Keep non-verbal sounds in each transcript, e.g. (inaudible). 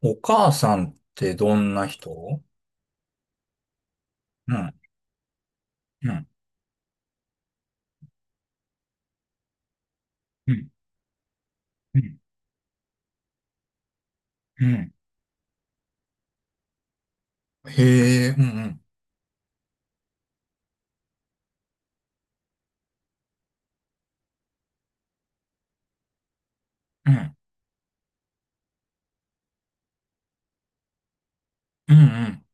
お母さんってどんな人？うん、うん、うん、うん、うん。へえ、うん、うん、うん、うん、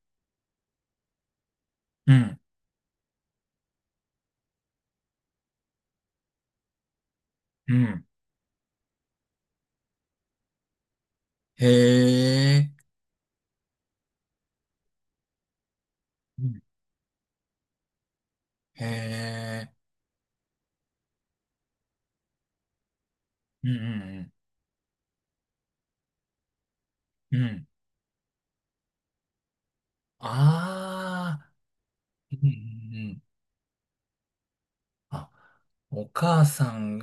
うん、うん。へえ、うん、へえ、うん、うん、うん。うんああ、うん、うん。うんあ、お母さん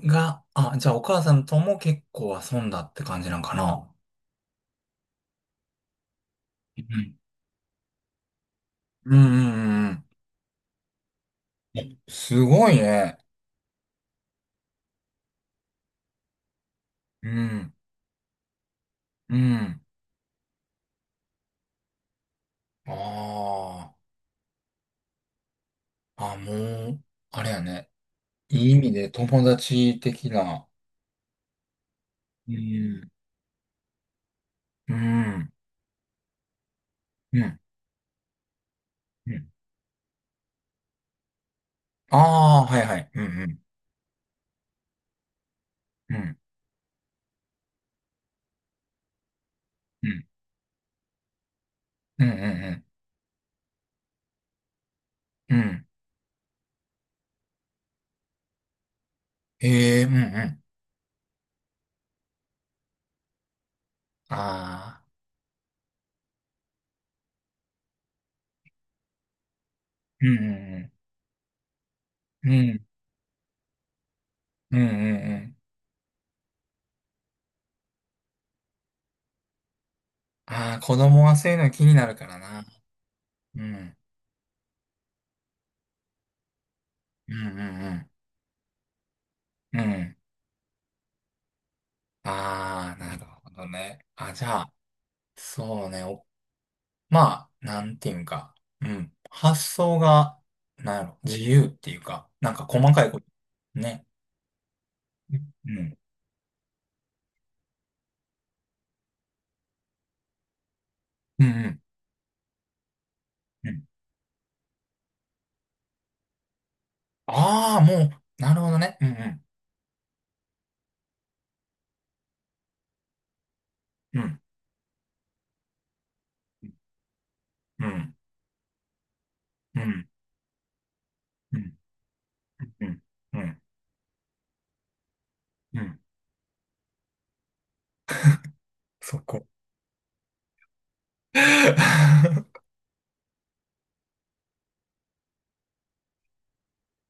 が、あ、じゃあお母さんとも結構遊んだって感じなんかな。うん、うん、うん、うん。うんすごいね。うん、うん。ああ。あ、もう、あれやね。いい意味で友達的な。うん。うん、うん、うん。ああ、はいはい。うん、うん、うん、うん、うん、うん、うん。うんええ、うん、うん。ああ、うん、うん、うん、うん、うん、うん。うんああ、子供はそういうの気になるからな。うん、うん、うん、うん、うん。ああ、なるほどね。あ、じゃあ、そうね。まあ、なんていうんか、うん。発想が、なんやろ、自由っていうか、なんか細かいこと。ね。うん。うん。うん。うん。ああ、もう、なるほどね。うん。うん。うん。うん。うん。うん。うん。うん。そこ。(laughs)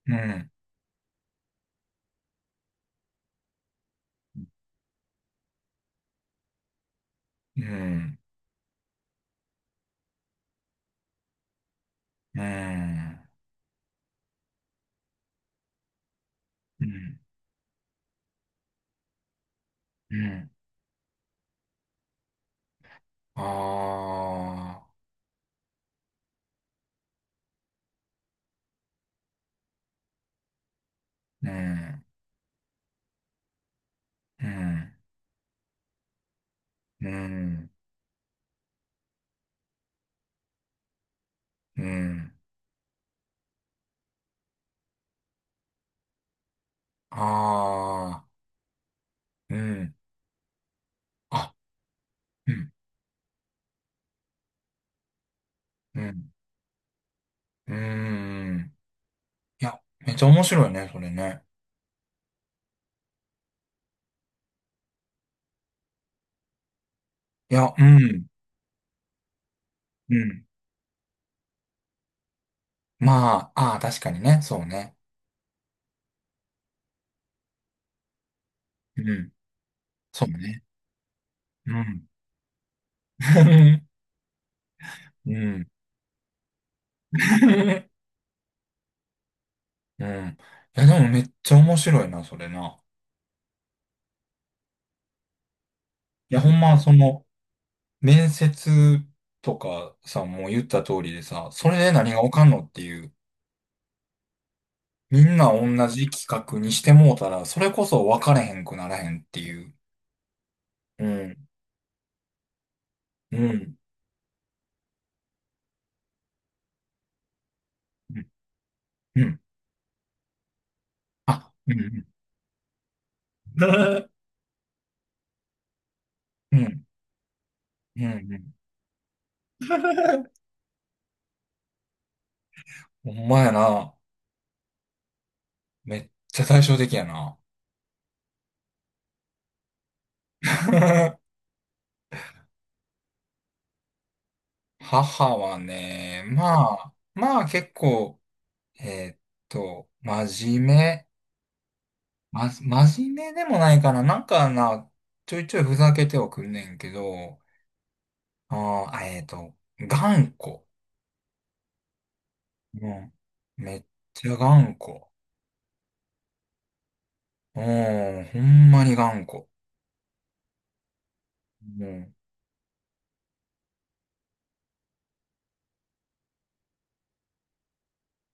うん。うん。うん。うん。うん。ああ。うん。うん。うん。うん。ああ。うん。あ、うん。うんうーん。いや、めっちゃ面白いね、それね。いや、うん。うん。まあ、ああ、確かにね、そうね。うん。そうね。うん。(laughs) うん。(laughs) うん。いや、でもめっちゃ面白いな、それな。いや、ほんま、その、面接とかさ、もう言った通りでさ、それで何がわかんのっていう、みんな同じ企画にしてもうたら、それこそ分かれへんくならへんっていう。うん。うん。うん。うんあ、うん。うん (laughs) うん。うん。うん。(laughs) ほんまやな。めっちゃ対照的やな。(laughs) 母はね、まあ、まあ結構、えーっ真面目。真面目でもないかな。なんかな、ちょいちょいふざけてはくんねんけど、あ頑固。うん。めっちゃ頑固。うん、ほんまに頑固。うん。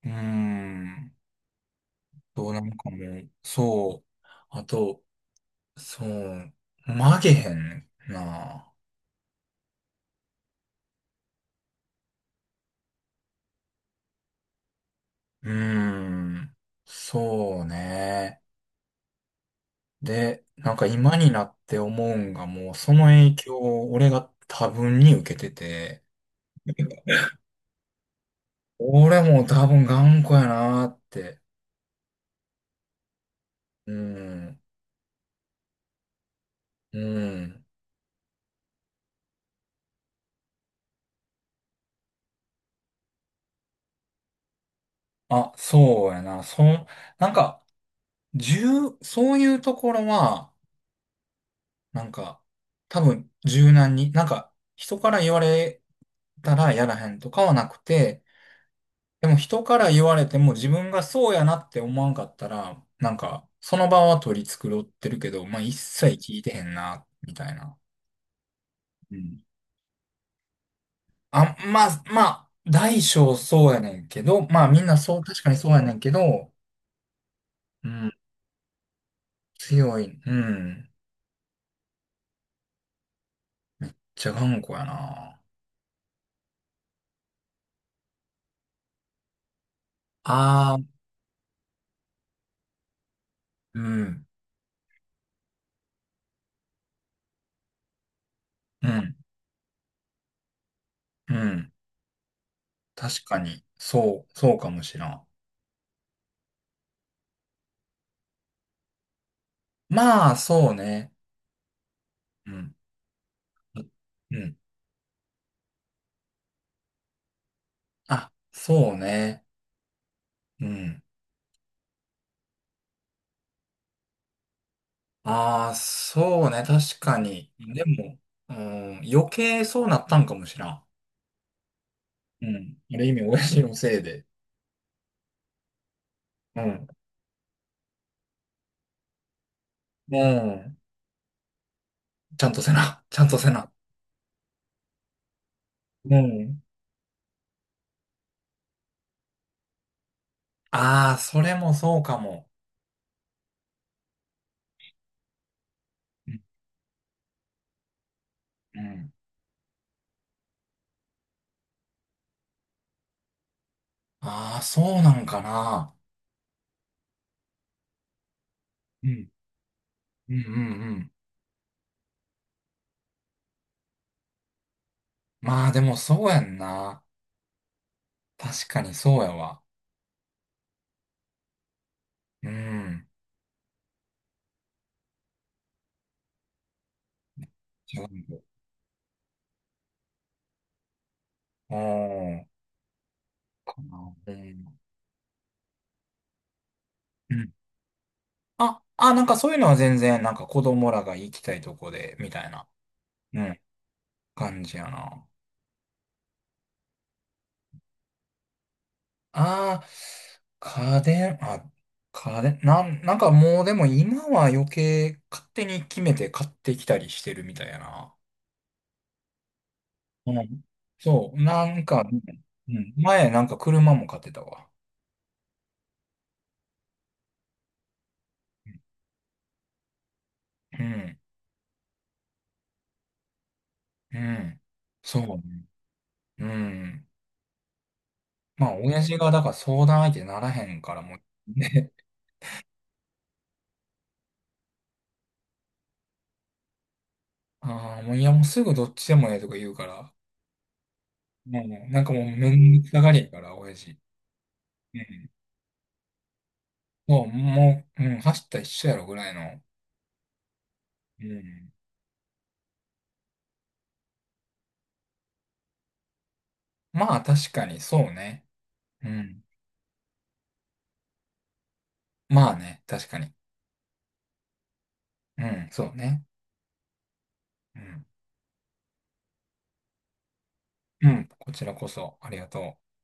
うーん。と、なんかもう、そう。あと、そう、曲げへんな。うーん、そうね。で、なんか今になって思うんが、もうその影響を俺が多分に受けてて、俺も多分頑固やなーって。うん、うん。あ、そうやな。その、なんか、そういうところは、なんか、多分柔軟に、なんか、人から言われたらやらへんとかはなくて、でも人から言われても自分がそうやなって思わんかったら、なんか、その場は取り繕ってるけど、まあ一切聞いてへんな、みたいな。うん。あ、まあ、まあ、大小そうやねんけど、まあみんなそう、確かにそうやねんけど、うん、強い、うん、じゃがんこやな。ああ、うん、うん、うん、確かに、そう、そうかもしらん。まあ、そうね。うん、うん、あ、そうね。うん。ああ、そうね、確かに。でも、うん、余計そうなったんかもしらん。うん。ある意味、親父のせいで。うん。うん。ちゃんとせな。ちゃんとせな。うん。ああ、それもそうかも。うんうん。ああー、そうなんかな。うん。うんうんうん。まあ、でもそうやんな。確かにそうやわ。うん。違う。うん。かな。うん。あ、なんかそういうのは全然、なんか子供らが行きたいとこで、みたいな、うん、感じやな。ああ、家電、あ、家電、なんかもうでも今は余計勝手に決めて買ってきたりしてるみたいやな。うん。そう、なんか、うん、前なんか車も買ってたわ。うん、うん、そうね。うん。まあ、親父がだから相談相手ならへんからもう、(laughs) ああ、もういやもうすぐどっちでもええとか言うから、もう、なんかもうめんどくさがりやから、親父。うん。そう、もう、うん、走ったら一緒やろぐらいの。うん。まあ、確かに、そうね。うん。まあね、確かに。うん、そうね。うん。うん、こちらこそ、ありがとう。